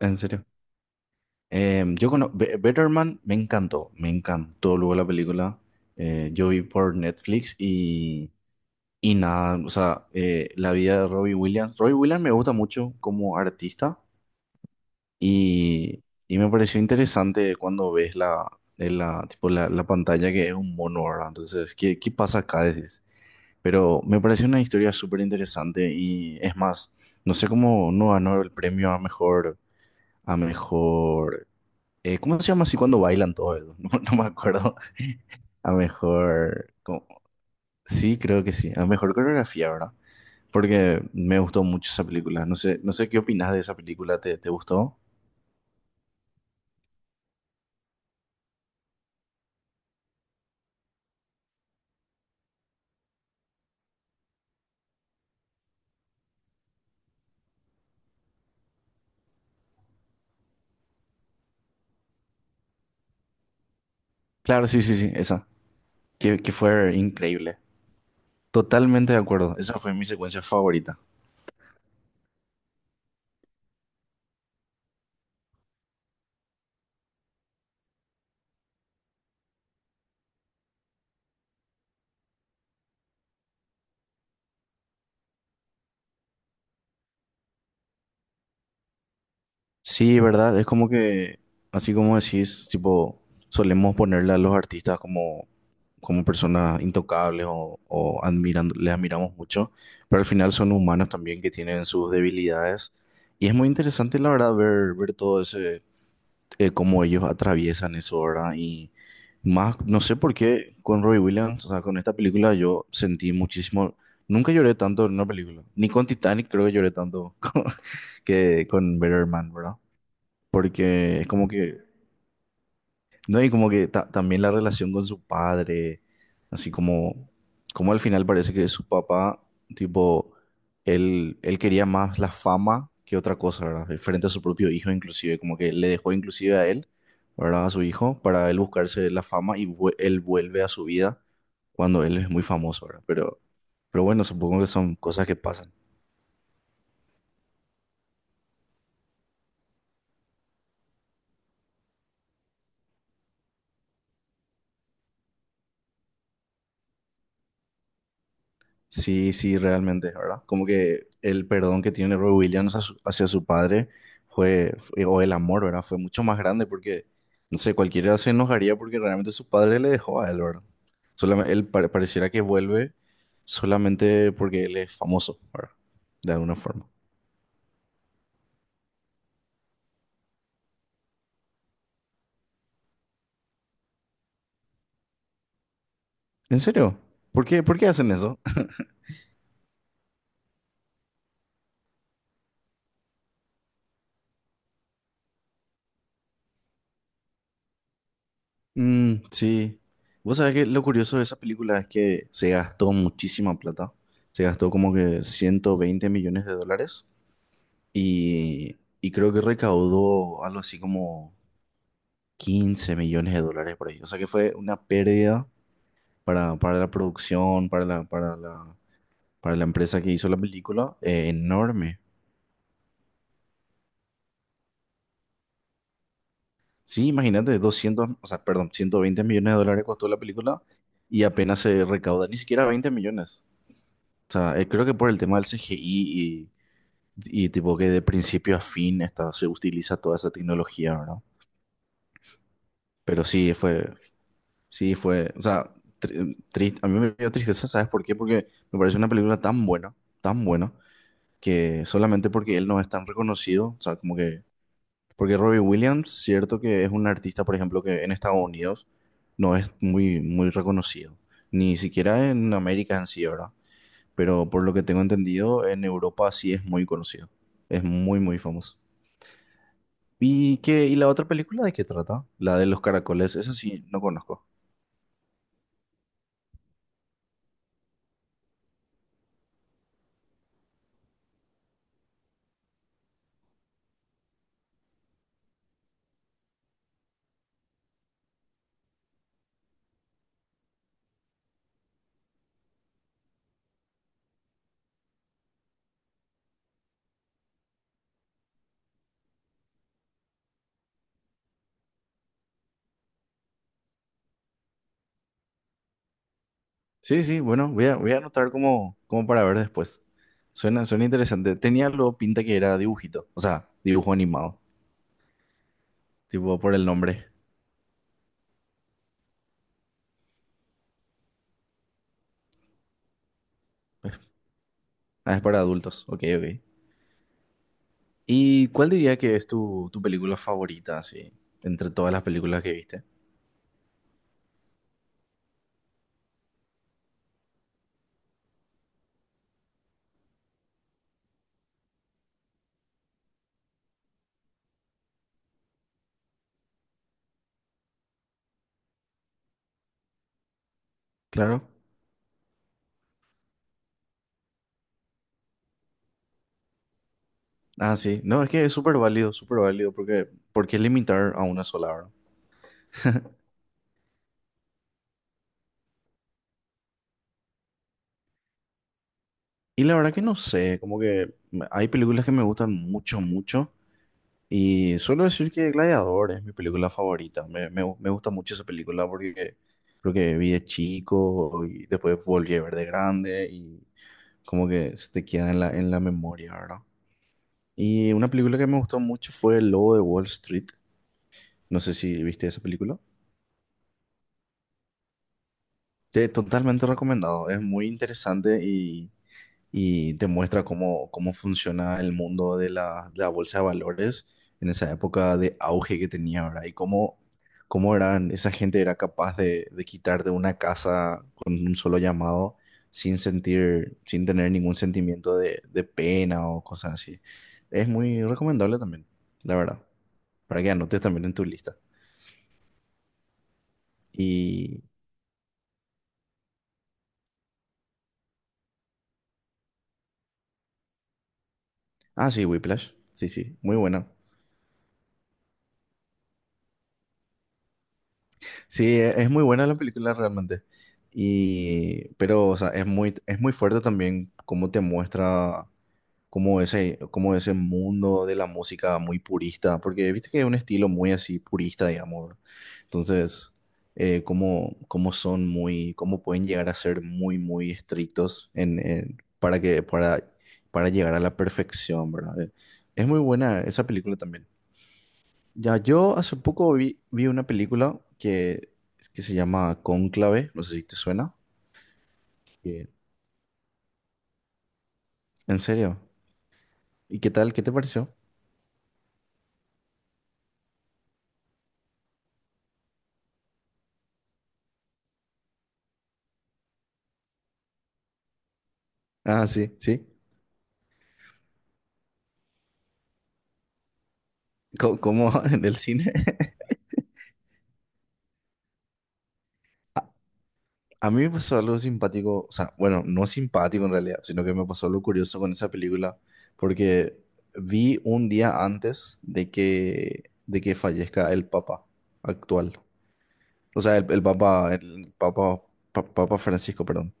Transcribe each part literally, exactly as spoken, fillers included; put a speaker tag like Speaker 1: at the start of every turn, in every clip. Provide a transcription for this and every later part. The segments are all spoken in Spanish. Speaker 1: En serio. Eh, yo conozco Better Man, me encantó, me encantó luego la película. Eh, yo vi por Netflix y, y nada, o sea, eh, la vida de Robbie Williams. Robbie Williams me gusta mucho como artista y, y me pareció interesante cuando ves la, en la, tipo la, la pantalla que es un mono, ¿verdad? Entonces, ¿qué, qué pasa acá? Decís. Pero me pareció una historia súper interesante y es más, no sé cómo no ganó el premio a mejor a mejor Eh, ¿cómo se llama así cuando bailan todo eso? No, no me acuerdo. A mejor. como- Sí, creo que sí. A mejor coreografía, ¿verdad? Porque me gustó mucho esa película. No sé, no sé qué opinas de esa película. ¿Te, te gustó? Claro, sí, sí, sí, esa. Que, que fue increíble. Totalmente de acuerdo. Esa fue mi secuencia favorita. Sí, ¿verdad? Es como que, así como decís, tipo, solemos ponerle a los artistas como como personas intocables o, o admirando, les admiramos mucho, pero al final son humanos también que tienen sus debilidades. Y es muy interesante, la verdad, ver, ver todo ese, eh, cómo ellos atraviesan eso, ¿verdad? Y más, no sé por qué con Robbie Williams, o sea, con esta película yo sentí muchísimo, nunca lloré tanto en una película, ni con Titanic creo que lloré tanto con- que con Better Man, ¿verdad? Porque es como que no, y como que ta- también la relación con su padre, así como, como al final parece que su papá, tipo, él, él quería más la fama que otra cosa, ¿verdad? Eh, Frente a su propio hijo, inclusive, como que le dejó inclusive a él, ¿verdad? A su hijo, para él buscarse la fama y vue- él vuelve a su vida cuando él es muy famoso, ¿verdad? Pero, pero bueno, supongo que son cosas que pasan. Sí, sí, realmente, ¿verdad? Como que el perdón que tiene Roy Williams a su- hacia su padre fue, fue- o el amor, ¿verdad? Fue mucho más grande porque, no sé, cualquiera se enojaría porque realmente su padre le dejó a él, ¿verdad? Solamente, él pare- pareciera que vuelve solamente porque él es famoso, ¿verdad? De alguna forma. ¿En serio? ¿Por qué, por qué hacen eso? Mm, sí. Vos sabés que lo curioso de esa película es que se gastó muchísima plata. Se gastó como que ciento veinte millones de dólares. Y, y creo que recaudó algo así como quince millones de dólares por ahí. O sea que fue una pérdida para, para la producción, para la, para la, para la empresa que hizo la película, eh, enorme. Sí, imagínate, doscientos o sea, perdón, ciento veinte millones de dólares costó la película y apenas se recauda, ni siquiera veinte millones. O sea, eh, creo que por el tema del C G I y, y tipo que de principio a fin está, se utiliza toda esa tecnología, ¿verdad? Pero sí, fue, Sí, fue, o sea, tri- triste, a mí me dio tristeza, ¿sabes por qué? Porque me parece una película tan buena, tan buena, que solamente porque él no es tan reconocido, o sea, como que, porque Robbie Williams, cierto que es un artista, por ejemplo, que en Estados Unidos no es muy, muy reconocido, ni siquiera en América en sí, ¿verdad? Pero por lo que tengo entendido, en Europa sí es muy conocido, es muy, muy famoso. ¿Y qué, y la otra película de qué trata? La de los caracoles, esa sí, no conozco. Sí, sí, bueno, voy a, voy a, anotar como, como para ver después. Suena, suena interesante. Tenía lo pinta que era dibujito, o sea, dibujo animado, tipo por el nombre. Ah, es para adultos, ok, ok. ¿Y cuál diría que es tu, tu película favorita, así, entre todas las películas que viste? Claro. Ah, sí. No, es que es súper válido, súper válido, porque ¿por qué limitar a una sola, verdad? Y la verdad que no sé, como que me- hay películas que me gustan mucho, mucho. Y suelo decir que Gladiador es mi película favorita. Me, me, me gusta mucho esa película porque creo que vi de chico y después volví a ver de grande y como que se te queda en la, en la memoria, ¿verdad? Y una película que me gustó mucho fue El Lobo de Wall Street. No sé si viste esa película. Te, totalmente recomendado. Es muy interesante y y te muestra cómo, cómo funciona el mundo de la, de la bolsa de valores en esa época de auge que tenía, ¿verdad? Y cómo, cómo eran, esa gente era capaz de, de quitarte una casa con un solo llamado sin sentir, sin tener ningún sentimiento de, de pena o cosas así. Es muy recomendable también, la verdad, para que anotes también en tu lista. Y, ah, sí, Whiplash, sí, sí, muy buena. Sí, e- es muy buena la película realmente. Y, pero, o sea, es muy, es muy fuerte también cómo te muestra cómo ese, cómo ese mundo de la música muy purista, porque viste que es un estilo muy así purista, digamos. Entonces, eh, cómo, cómo son muy, cómo pueden llegar a ser muy, muy estrictos en, en- para que, para, para llegar a la perfección, ¿verdad? Eh, Es muy buena esa película también. Ya, yo hace poco vi, vi una película que, que se llama Cónclave, no sé si te suena. Que- ¿En serio? ¿Y qué tal? ¿Qué te pareció? Ah, sí, sí. Co- Como en el cine? A, a mí me pasó algo simpático, o sea, bueno, no simpático en realidad, sino que me pasó algo curioso con esa película, porque vi un día antes de que, de que fallezca el Papa actual. O sea, el, el Papa, el Papa, Pa- Papa Francisco, perdón.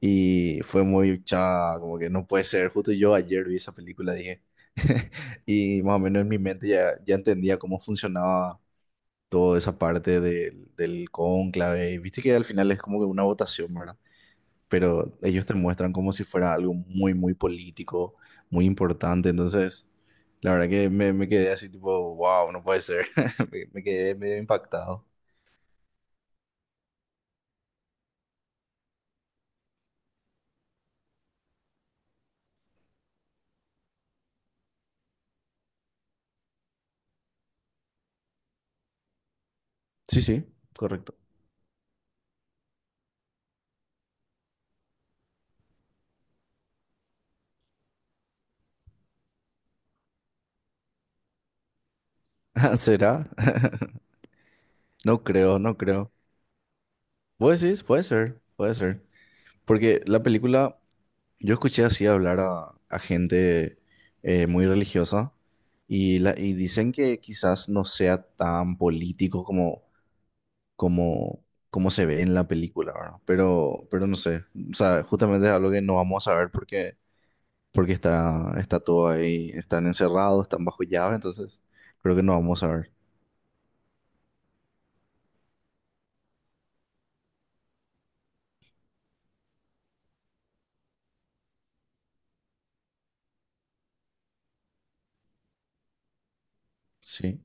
Speaker 1: Y fue muy cha, como que no puede ser. Justo yo ayer vi esa película, dije. Y más o menos en mi mente ya, ya entendía cómo funcionaba toda esa parte del, del cónclave. Y viste que al final es como que una votación, ¿verdad? Pero ellos te muestran como si fuera algo muy, muy político, muy importante. Entonces, la verdad que me, me quedé así tipo, wow, no puede ser. Me, me quedé medio impactado. Sí, sí, correcto. ¿Será? No creo, no creo. Puede ser, puede ser, puede ser. Porque la película, yo escuché así hablar a, a gente eh, muy religiosa y, la, y dicen que quizás no sea tan político como, como, como se ve en la película, ¿verdad? Pero, pero no sé. O sea, justamente es algo que no vamos a saber porque, porque está, está todo ahí, están encerrados, están bajo llave, entonces creo que no vamos a ver. Sí.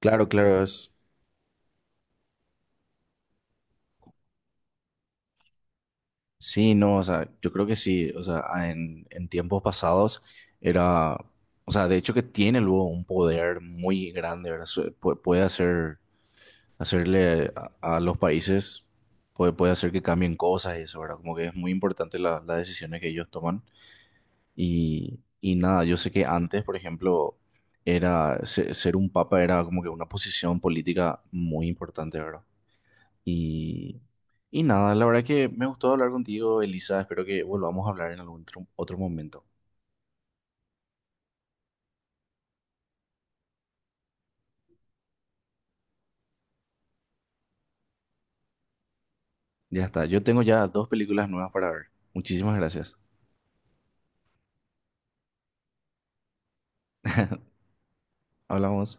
Speaker 1: Claro, claro, es. Sí, no, o sea, yo creo que sí, o sea, a- en, en tiempos pasados era, o sea, de hecho que tiene luego un poder muy grande, ¿verdad? Su- pu- Puede hacer, hacerle a, a los países, puede, puede hacer que cambien cosas y eso, ¿verdad? Como que es muy importante la- las decisiones que ellos toman. Y, y nada, yo sé que antes, por ejemplo, era, se- ser un papa era como que una posición política muy importante, ¿verdad? Y, y nada, la verdad que me gustó hablar contigo, Elisa. Espero que volvamos a hablar en algún otro, otro momento. Ya está, yo tengo ya dos películas nuevas para ver. Muchísimas gracias. Hablamos.